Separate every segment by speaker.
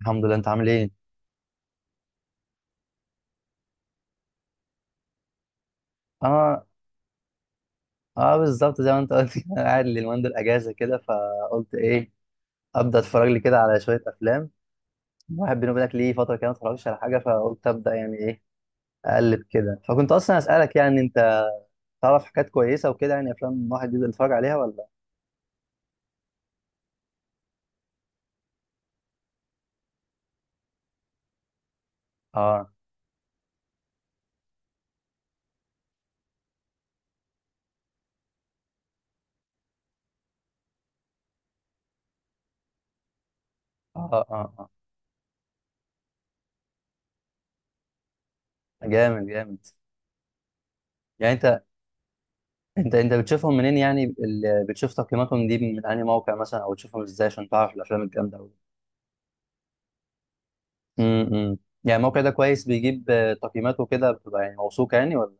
Speaker 1: الحمد لله، انت عامل ايه؟ اه اه بالظبط زي ما انت قلت كده، انا قاعد اليومين دول اجازه كده، فقلت ايه ابدا اتفرج لي كده على شويه افلام. الواحد بيني وبينك ليه فتره كده ما اتفرجش على حاجه، فقلت ابدا يعني ايه اقلب كده، فكنت اصلا اسالك يعني انت تعرف حاجات كويسه وكده، يعني افلام الواحد يقدر يتفرج عليها ولا؟ اه اه جامد جامد. يعني انت انت بتشوفهم منين؟ يعني بتشوف تقييماتهم دي من انهي موقع مثلا، او بتشوفهم ازاي عشان تعرف الافلام الجامده؟ امم، يعني الموقع ده كويس؟ بيجيب تقييماته كده بتبقى يعني موثوقة يعني ولا؟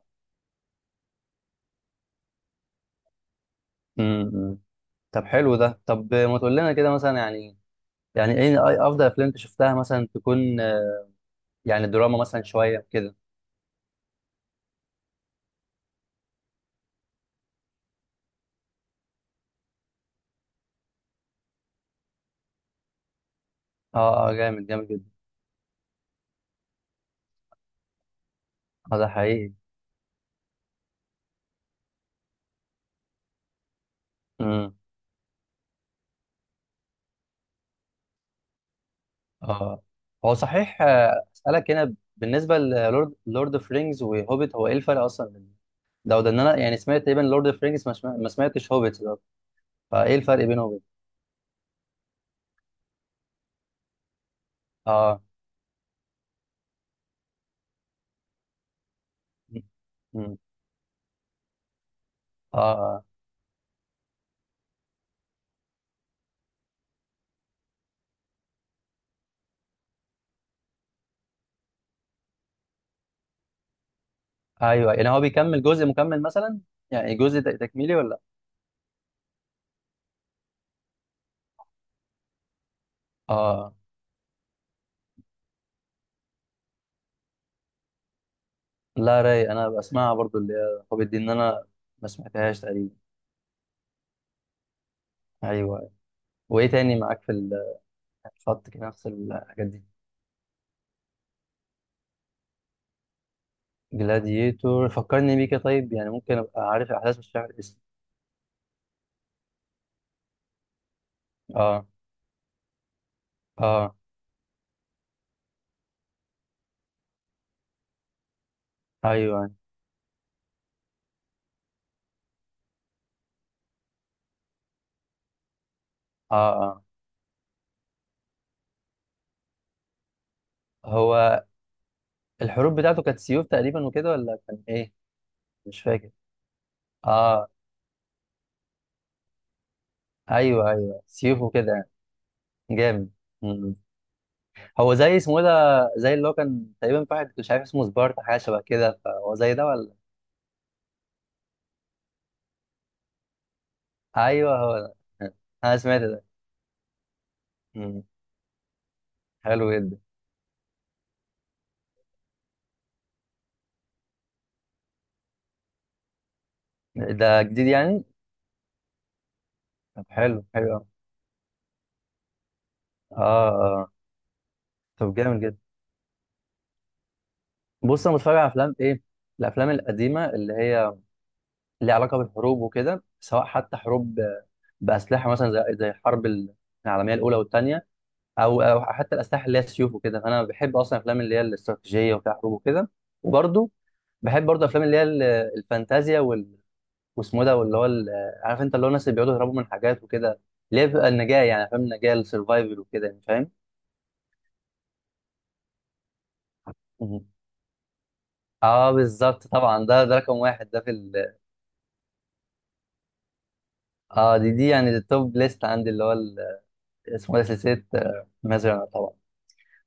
Speaker 1: امم. طب حلو ده. طب ما تقول لنا كده مثلا، يعني يعني ايه افضل افلام انت شفتها مثلا، تكون يعني دراما مثلا شوية كده. اه اه، جامد جامد جدا. اه ده حقيقي. امم. اه هو صحيح، اسالك هنا بالنسبة للورد، لورد اوف رينجز وهوبيت، هو ايه الفرق اصلا بين ده وده؟ ان انا يعني سمعت تقريبا لورد اوف رينجز، ما سمعتش هوبيت ده، فايه الفرق بينهم اه. مم. اه آه. ايوه، يعني هو بيكمل؟ جزء مكمل مثلا؟ يعني جزء تكميلي ولا لأ؟ اه، لا راي انا بسمعها برضو، اللي هي هوبيت دي، ان انا ما سمعتهاش تقريبا. ايوه. وايه تاني معاك في الخط كده، نفس الحاجات دي؟ جلاديتور، فكرني بيه كده. طيب يعني ممكن ابقى عارف الاحداث بس مش عارف الاسم. اه اه. ايوه. اه اه. هو الحروب بتاعته كانت سيوف تقريبا وكده، ولا كان ايه؟ مش فاكر. اه. ايوه ايوه، سيوف وكده يعني. جامد. هو زي اسمه ايه ده؟ زي اللي هو كان تقريبا في واحد مش عارف اسمه سبارتا، حاجه شبه كده، فهو زي ده ولا؟ ايوه هو ده. انا سمعت ده. مم. حلو جدا. ده جديد يعني؟ طب حلو حلو أوي. اه اه. طب جامد جدا. بص، انا بتفرج على افلام ايه؟ الافلام القديمه اللي هي ليها علاقه بالحروب وكده، سواء حتى حروب باسلحه مثلا، زي الحرب العالميه الاولى والثانيه، او او حتى الاسلحه اللي هي سيوف وكده. انا بحب اصلا الافلام اللي هي الاستراتيجيه وفيها حروب وكده. وبرضه بحب برضه افلام اللي هي الفانتازيا وال... واسمه ده، واللي هو عارف انت اللي هو الناس اللي بيقعدوا يهربوا من حاجات وكده، اللي هي بيبقى النجاة، يعني افلام النجاة، السرفايفل وكده، يعني فاهم؟ مهم. اه بالظبط طبعا، ده ده رقم واحد ده في ال... اه دي دي يعني التوب ليست عندي، اللي هو ال... اسمه ده سلسلة مازرعة طبعا.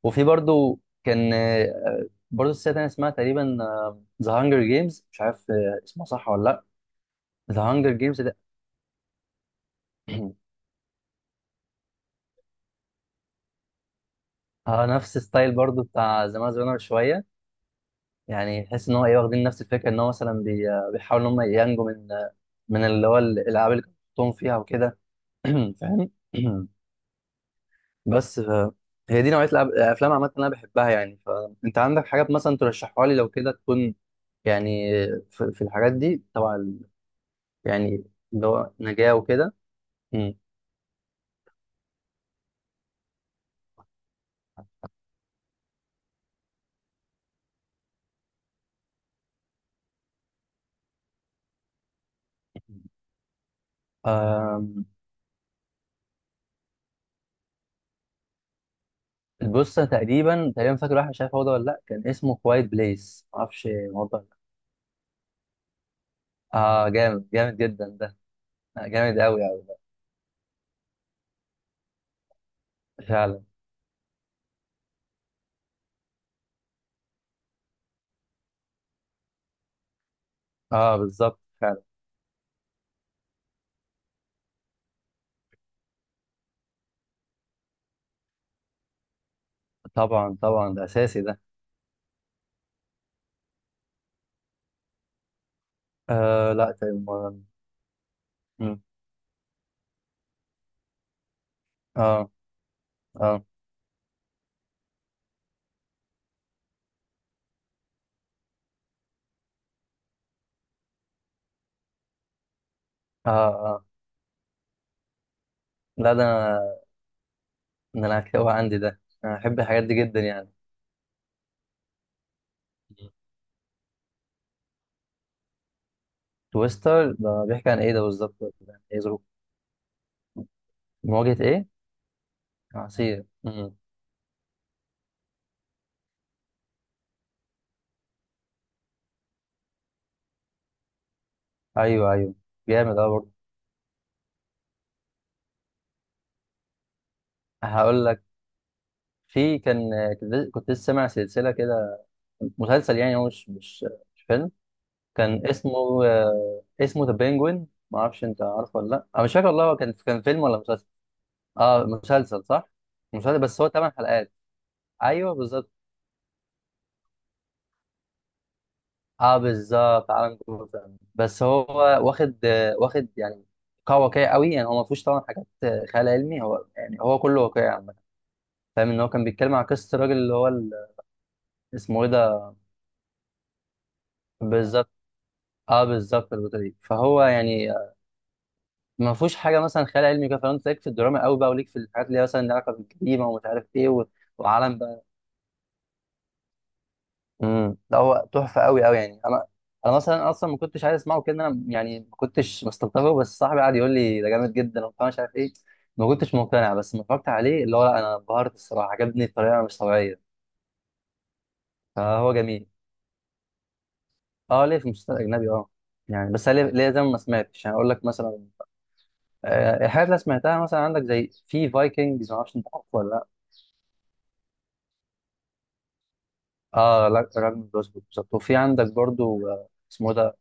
Speaker 1: وفي برضه كان برضه سلسلة تانية اسمها تقريبا ذا هانجر جيمز، مش عارف اسمها صح ولا لا. ذا هانجر جيمز ده اه نفس ستايل برضه بتاع ذا مازرعة شوية، يعني تحس ان هو ايه، واخدين نفس الفكره، ان هو مثلا بيحاولوا ان هم ينجوا من من اللي هو الالعاب اللي كانوا بيحطوهم فيها وكده. فاهم؟ بس ف... هي دي نوعيه الافلام عامه اللي انا بحبها، يعني فانت عندك حاجات مثلا ترشحها لي لو كده، تكون يعني في, في الحاجات دي طبعا يعني اللي هو نجاه وكده. مم. آم، بص أنا تقريبا تقريبا فاكر واحد مش عارف هو ده ولا لا، كان اسمه كوايت بليس، معرفش هو ده ولا لأ. اه جامد جامد جدا ده. آه، جامد قوي قوي. فعلا. اه بالظبط فعلا. طبعا طبعا، ده اساسي ده. آه لا، طيب مم. اه اه اه. اه لا، ده انا، ده انا هتلاقيه عندي، ده انا بحب الحاجات دي جدا يعني. تويستر ده بيحكي عن ايه ده بالظبط، ولا يعني ايه ظروف؟ مواجهة ايه؟ عصير. مم. ايوه ايوه. جامد اه برضه. هقول لك، في كان كنت كنت لسه سامع سلسلة كده، مسلسل يعني، هو مش مش فيلم، كان اسمه اسمه ذا بينجوين، ما اعرفش انت عارفه ولا لا. انا مش فاكر والله هو كان، كان فيلم ولا مسلسل؟ اه مسلسل، صح. مسلسل بس هو ثمان حلقات؟ ايوه بالظبط. اه بالظبط، عالم جوثام، بس هو واخد واخد يعني قوة واقعية قوي يعني. هو ما فيهوش طبعا حاجات خيال علمي، هو يعني هو كله واقعي عامة. فاهم ان هو كان بيتكلم عن قصة الراجل اللي هو ال-، اسمه ايه ده؟ بالظبط. اه بالظبط، البطولة دي، فهو يعني ما فيهوش حاجة مثلا خيال علمي كده، فانت ليك في الدراما قوي بقى، وليك في الحاجات اللي هي مثلا لها علاقة بالجريمة، ومش عارف ايه وعالم. ده هو تحفه قوي قوي يعني. انا انا مثلا اصلا ما كنتش عايز اسمعه كده، انا يعني ما كنتش مستلطفه، بس صاحبي قعد يقول لي ده جامد جدا وبتاع، مش عارف ايه. ما كنتش مقتنع، بس لما اتفرجت عليه اللي هو، لا انا انبهرت الصراحه، عجبني بطريقه مش طبيعيه، فهو جميل. اه ليه في المسلسلات الاجنبي اه، يعني بس ليه ليه زي ما ما سمعتش، يعني اقول لك مثلا الحاجات اللي سمعتها مثلا عندك، زي في فايكنجز، ما اعرفش انت عارفه ولا لا. اه لا، راجل بروسبوت بالظبط. وفي عندك برضو اسمه إيه ده؟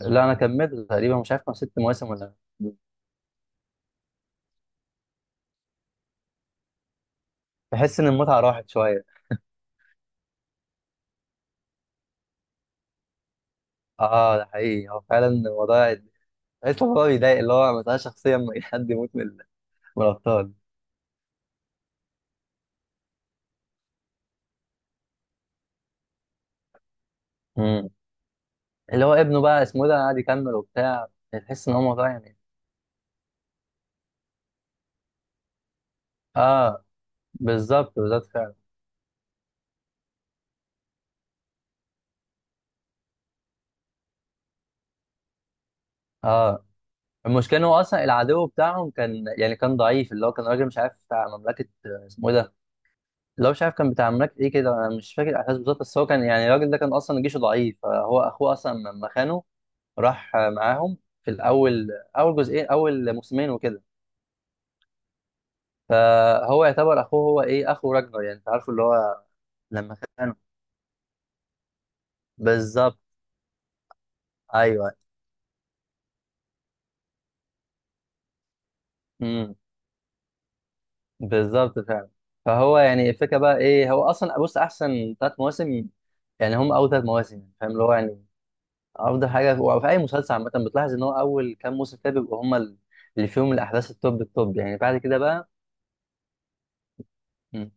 Speaker 1: لا انا كملت تقريبا، مش عارف كان ست مواسم ولا. بحس ان المتعه راحت شويه. اه ده حقيقي، هو فعلا الموضوع، بحس الموضوع بيضايق اللي هو مثلا شخصيا، إن أي حد يموت من من الابطال. مم. اللي هو ابنه بقى اسمه إيه ده، قاعد يكمل وبتاع. تحس ان هو موضوع يعني. اه بالظبط بالظبط فعلا. اه. المشكله ان هو اصلا العدو بتاعهم كان يعني كان ضعيف، اللي هو كان راجل مش عارف بتاع مملكه، اسمه ايه ده، اللي هو مش عارف كان بتاع مملكه ايه كده، انا مش فاكر الاحداث بالظبط، بس هو كان يعني الراجل ده كان اصلا جيشه ضعيف، فهو اخوه اصلا لما خانه راح معاهم في الاول، اول جزئين، اول موسمين وكده. فهو يعتبر اخوه، هو ايه اخو راجنر يعني، انت عارفه اللي هو لما خانه. بالظبط. ايوه. امم. بالظبط فعلا. فهو يعني الفكره بقى ايه، هو اصلا بص احسن ثلاث مواسم، يعني هم اول ثلاث مواسم يعني، فاهم اللي هو يعني افضل حاجه. وفي اي مسلسل عامه بتلاحظ ان هو اول كام موسم كده بيبقوا هم اللي فيهم الاحداث التوب التوب، يعني بعد كده بقى. مم.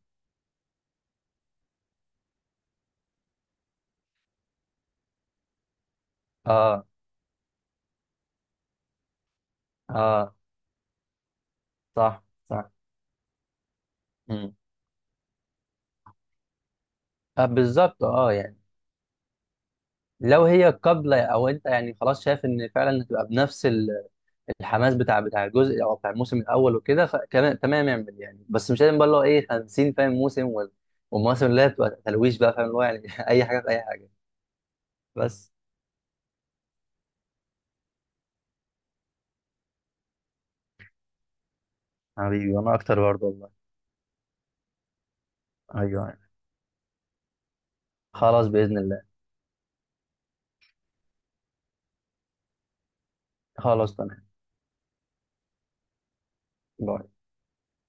Speaker 1: اه اه. صح. صح. مم. آه بالظبط، اه يعني لو هي قابلة، أو أنت يعني خلاص شايف إن فعلا هتبقى بنفس الحماس بتاع الجزء أو بتاع الموسم الأول وكده، فكمان تمام، اعمل يعني، بس مش لازم بقى اللي هو إيه 50 فاهم موسم والمواسم اللي هي بتبقى تلويش بقى، فاهم اللي هو يعني أي حاجة في أي حاجة. بس. حبيبي وأنا أكتر برضه والله. أيوه أيوة. خلاص بإذن الله. خلاص تمام. باي.